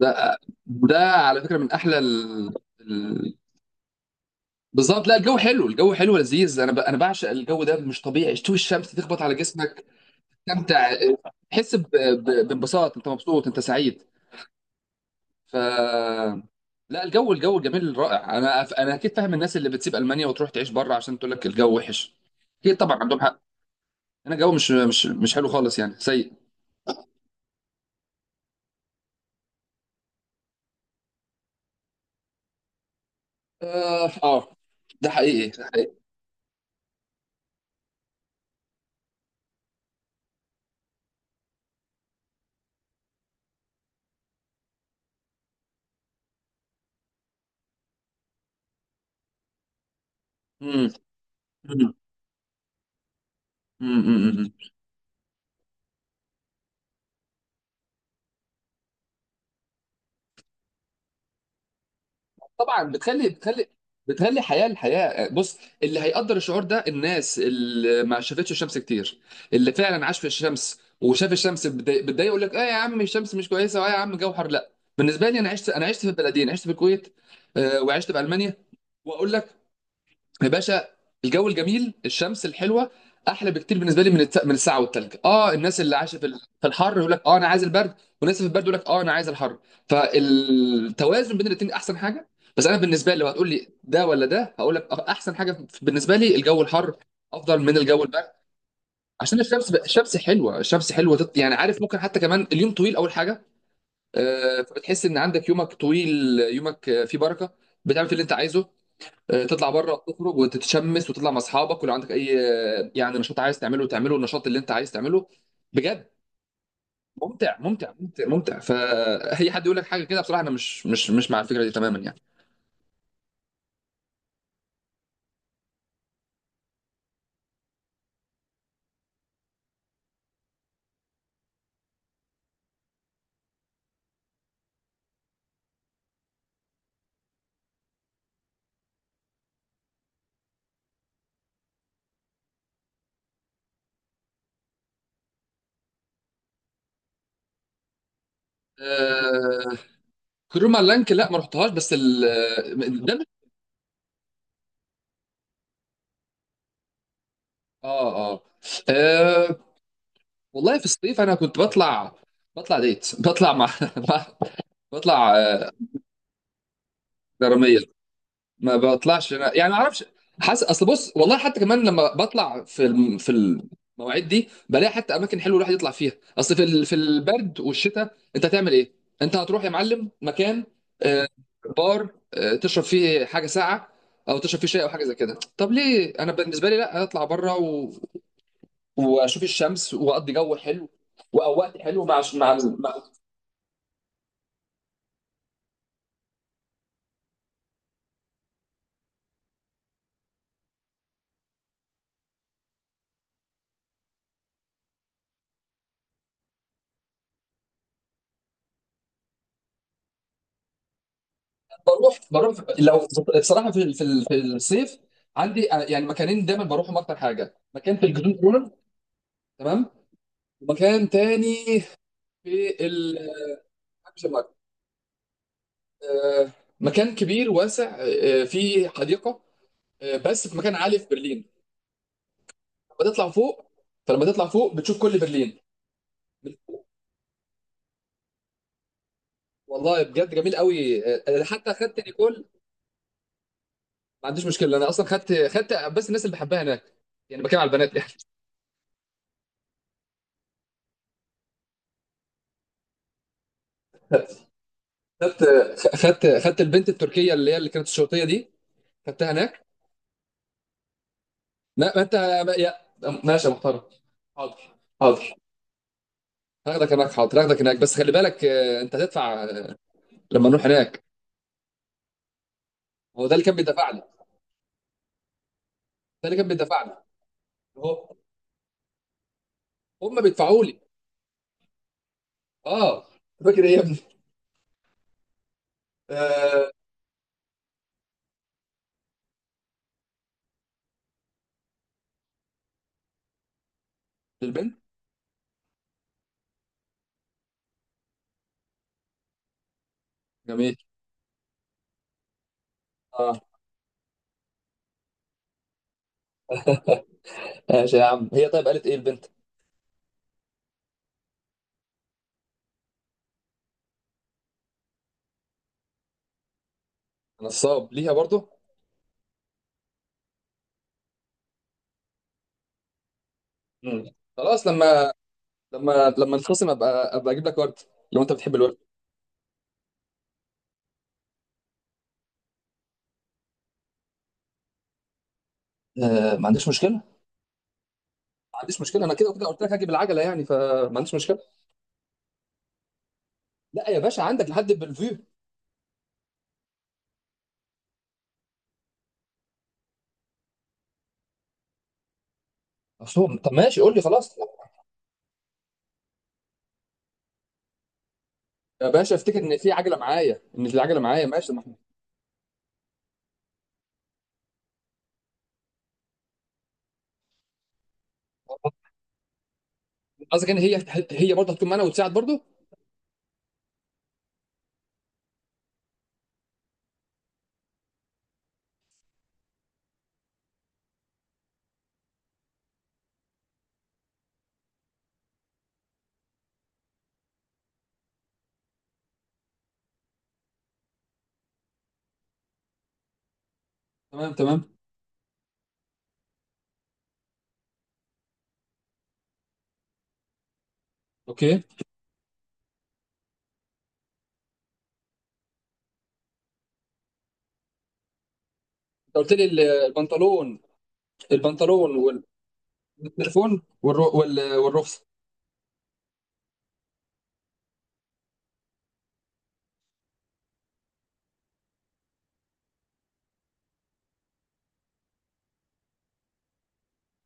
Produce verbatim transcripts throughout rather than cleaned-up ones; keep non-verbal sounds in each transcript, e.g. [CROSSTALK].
ده، وده على فكره من احلى ال... ال... بالظبط. لا، الجو حلو، الجو حلو لذيذ، انا ب... انا بعشق الجو ده، مش طبيعي شتوي، الشمس تخبط على جسمك، تستمتع، تحس ب... ب... بانبساط، انت مبسوط، انت سعيد. ف لا، الجو، الجو الجميل رائع، انا انا اكيد فاهم الناس اللي بتسيب المانيا وتروح تعيش بره عشان تقول لك الجو وحش. اكيد طبعا عندهم حق، هنا الجو مش مش مش حلو خالص، يعني سيء. اه آه. ده حقيقي، ده حقيقي. امم طبعا، بتخلي بتخلي بتخلي حياه الحياه. بص، اللي هيقدر الشعور ده الناس اللي ما شافتش الشمس كتير، اللي فعلا عاش في الشمس وشاف الشمس بتضايق، بتضايق يقول لك اه يا عم الشمس مش كويسه، واه يا عم جوهر. لا، بالنسبه لي انا عشت انا عشت في البلدين، عشت في الكويت، آه، وعشت في المانيا، واقول لك يا باشا، الجو الجميل، الشمس الحلوه احلى بكتير بالنسبه لي من الت... من الساعه والتلج. اه، الناس اللي عايشه في ال- في الحر يقول لك اه انا عايز البرد، والناس اللي في البرد يقول لك اه انا عايز الحر، فالتوازن بين الاثنين احسن حاجه. بس انا بالنسبه لي لو هتقول لي ده ولا ده، هقول لك آه، احسن حاجه في- بالنسبه لي الجو الحر افضل من الجو البرد. عشان الشمس، الشمس حلوه، الشمس حلوه تط- يعني عارف، ممكن حتى كمان اليوم طويل اول حاجه، آه، فبتحس ان عندك يومك طويل، يومك آه، فيه بركه، بتعمل في اللي انت عايزه، آه، تطلع بره، تخرج وتتشمس وتطلع مع اصحابك، ولو عندك اي آه، يعني نشاط عايز تعمله تعمله، النشاط اللي انت عايز تعمله بجد، ممتع ممتع ممتع ممتع. فاي حد يقول لك حاجه كده بصراحه انا مش مش مش مع الفكره دي تماما يعني. آه كروما لانك، لا، ما رحتهاش، بس ال ده مش- اه اه آه، والله في الصيف انا كنت بطلع، بطلع ديت بطلع مع [LAUGHS] مع- بطلع آه، غراميه. ما بطلعش انا، يعني ما اعرفش. حاسس، اصل بص والله، حتى كمان لما بطلع في الم... في المواعيد دي بلاقي حتى اماكن حلوه الواحد يطلع فيها. اصل في ال... في البرد والشتاء انت هتعمل ايه؟ انت هتروح يا معلم مكان، آه، بار، آه، تشرب فيه حاجه ساقعه او تشرب فيه شاي او حاجه زي كده. طب ليه؟ انا بالنسبه لي لا، اطلع بره و... واشوف الشمس واقضي جو حلو واوقات حلو مع، مع بروح بروح لو. بصراحه في في في الصيف عندي آه، يعني مكانين دايما بروحهم اكتر حاجه، مكان في الجزيره كورنر، تمام، ومكان تاني في ال آه، مكان كبير واسع، آه، فيه حديقه، آه، بس في مكان عالي في برلين، لما تطلع فوق، فلما تطلع فوق بتشوف كل برلين من فوق. والله بجد جميل قوي، آه، أنا حتى خدت نيكول. ما عنديش مشكله، انا اصلا خدت خدت بس الناس اللي بحبها هناك، يعني بتكلم على البنات يعني. خدت خدت خدت البنت التركيه اللي هي اللي كانت الشرطيه دي، خدتها هناك. لا ما انت، ما يا، ماشي يا محترم، حاضر. حاضر هاخدك هناك، حاضر هاخدك هناك، بس خلي بالك آه، انت هتدفع، آه، لما نروح هناك. هو ده اللي كان بيدفع لي، ده اللي كان بيدفع لي، هو هم بيدفعوا لي. اه، فاكر ايه يا ابني؟ آه، البنت. جميل. اه ماشي يا عم، هي طيب قالت ايه البنت؟ نصاب ليها برضه. مم. خلاص لما لما لما نخصم ابقى ابقى اجيب لك ورد لو انت بتحب الورد. آه، ما عنديش مشكله، عنديش مشكله، انا كده وكده قلت لك هاجي بالعجله يعني، فما عنديش مشكله. لا يا باشا، عندك لحد بالفيو. أصلاً، طب ماشي قول لي خلاص. لا يا باشا، افتكر ان في عجله معايا، ان العجله معايا، ماشي ما احنا. قصدك ان هي، هي برضه هتكون معانا وتساعد برضه؟ تمام تمام، اوكي انت. قلت لي ال- البنطلون، البنطلون وال- والتليفون والر- وال- والرخصه.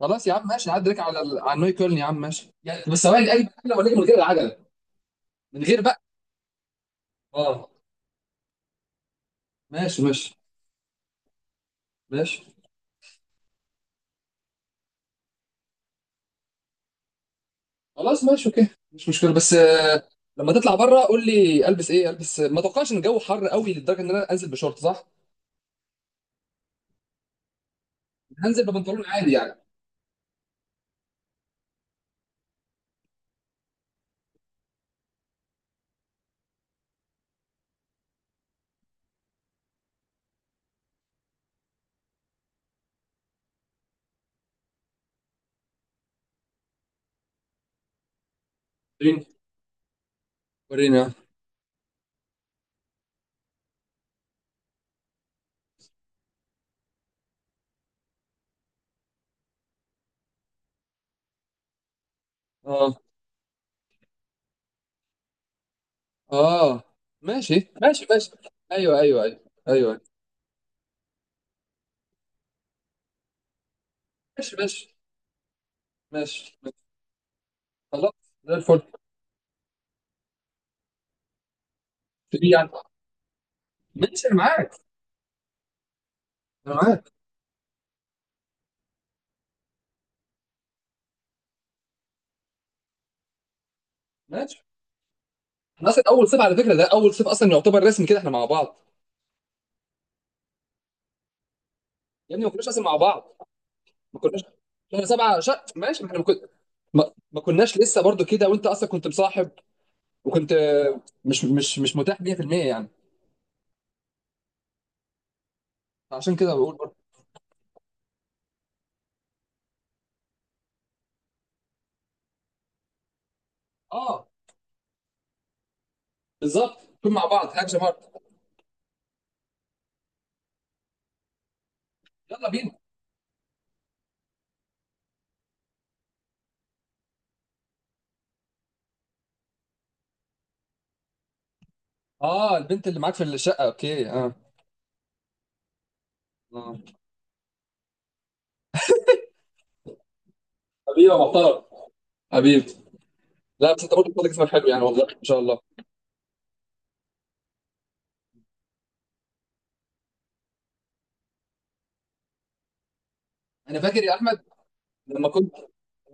خلاص يا عم ماشي، عدى لك على ال- على نوي كولن يا عم، ماشي يعني. بس ثواني، اجي بالعجله ولا اجي من غير العجله؟ من غير بقى، اه. ماشي ماشي ماشي. خلاص ماشي، اوكي مش مشكله. بس لما تطلع بره قول لي البس ايه، البس ما اتوقعش ان الجو حر قوي لدرجه ان انا انزل بشورت، صح؟ هنزل ببنطلون عادي يعني. وريني، وريني، اه اه. آه. ماشي ماشي ماشي، ايوه ايوه ايوه ايوه، ماشي ماشي ماشي ماشي. خلاص، زي الفل. دي يعني ماشي، انا معاك، انا معاك ماشي. احنا اصلا اول صيف على فكره، ده اول صيف اصلا يعتبر رسمي كده احنا مع بعض. يا ابني، ما كناش اصلا مع بعض، ما كناش. شهر سبعه شهر، ماشي، ما احنا ما كن- ما- ما كناش لسه برضو كده، وانت اصلا كنت مصاحب، وكنت آه، مش مش مش متاح مية في المية يعني. عشان كده بقول برضه. اه بالظبط، نكون مع بعض، هاجم هارد، يلا بينا. اه البنت اللي معاك في الشقه، اوكي اه. آه. حبيبي يا محترم، حبيبي. لا، بس انت برضه بتقول اسمك حلو، يعني والله ان شاء الله. انا فاكر يا احمد لما كنت،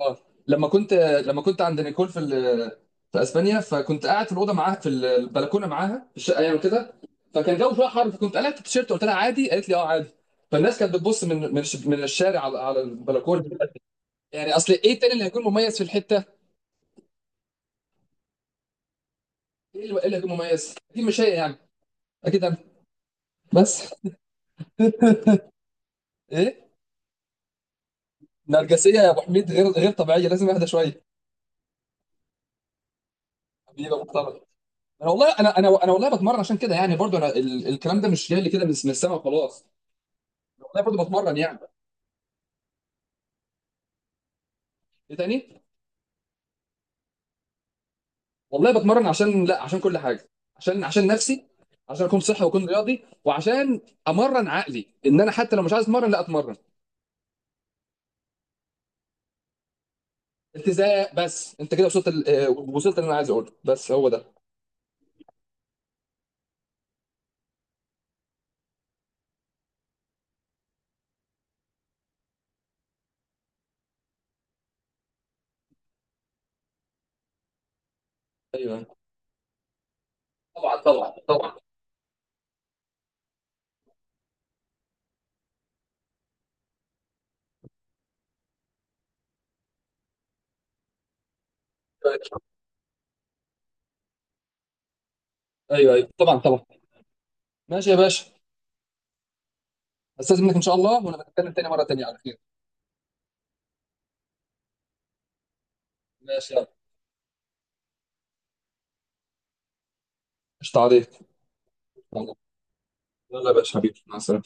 اه، لما كنت، آه، لما كنت عند نيكول في ال... في اسبانيا، فكنت قاعد في الاوضه معاها، في البلكونه معاها، في الشقه يعني كده، فكان الجو شويه حر، فكنت قلعت التيشيرت، قلت لها عادي، قالت لي اه عادي، فالناس كانت بتبص من من الش- من الشارع على، على البلكونه، يعني اصل ايه تاني اللي هيكون مميز في الحته؟ ايه اللي إيه اللي هيكون مميز؟ اكيد مش هي يعني، اكيد انا. بس [LAUGHS] ايه؟ نرجسيه يا ابو حميد، غير غير طبيعيه، لازم اهدى شويه. بيبقى محترم. انا والله، انا انا انا والله بتمرن عشان كده يعني، برضو انا ال- الكلام ده مش جاي لي كده من من السما وخلاص، والله برضو بتمرن يعني. ايه تاني؟ والله بتمرن عشان، لا، عشان كل حاجه، عشان عشان نفسي، عشان اكون صحي واكون رياضي، وعشان امرن عقلي ان انا حتى لو مش عايز اتمرن لا اتمرن. التزام. بس انت كده وصلت ال- آه، وصلت اللي انا عايز اقوله، بس هو ده. ايوه طبعا طبعا طبعا. ايوه ايوه طبعا طبعا. ماشي يا باشا، استاذن منك، ان شاء الله وانا بتكلم تاني مره تانية على خير. ماشي يلا، قشطة عليك، يلا. يلا يا باشا، حبيبي، مع السلامه.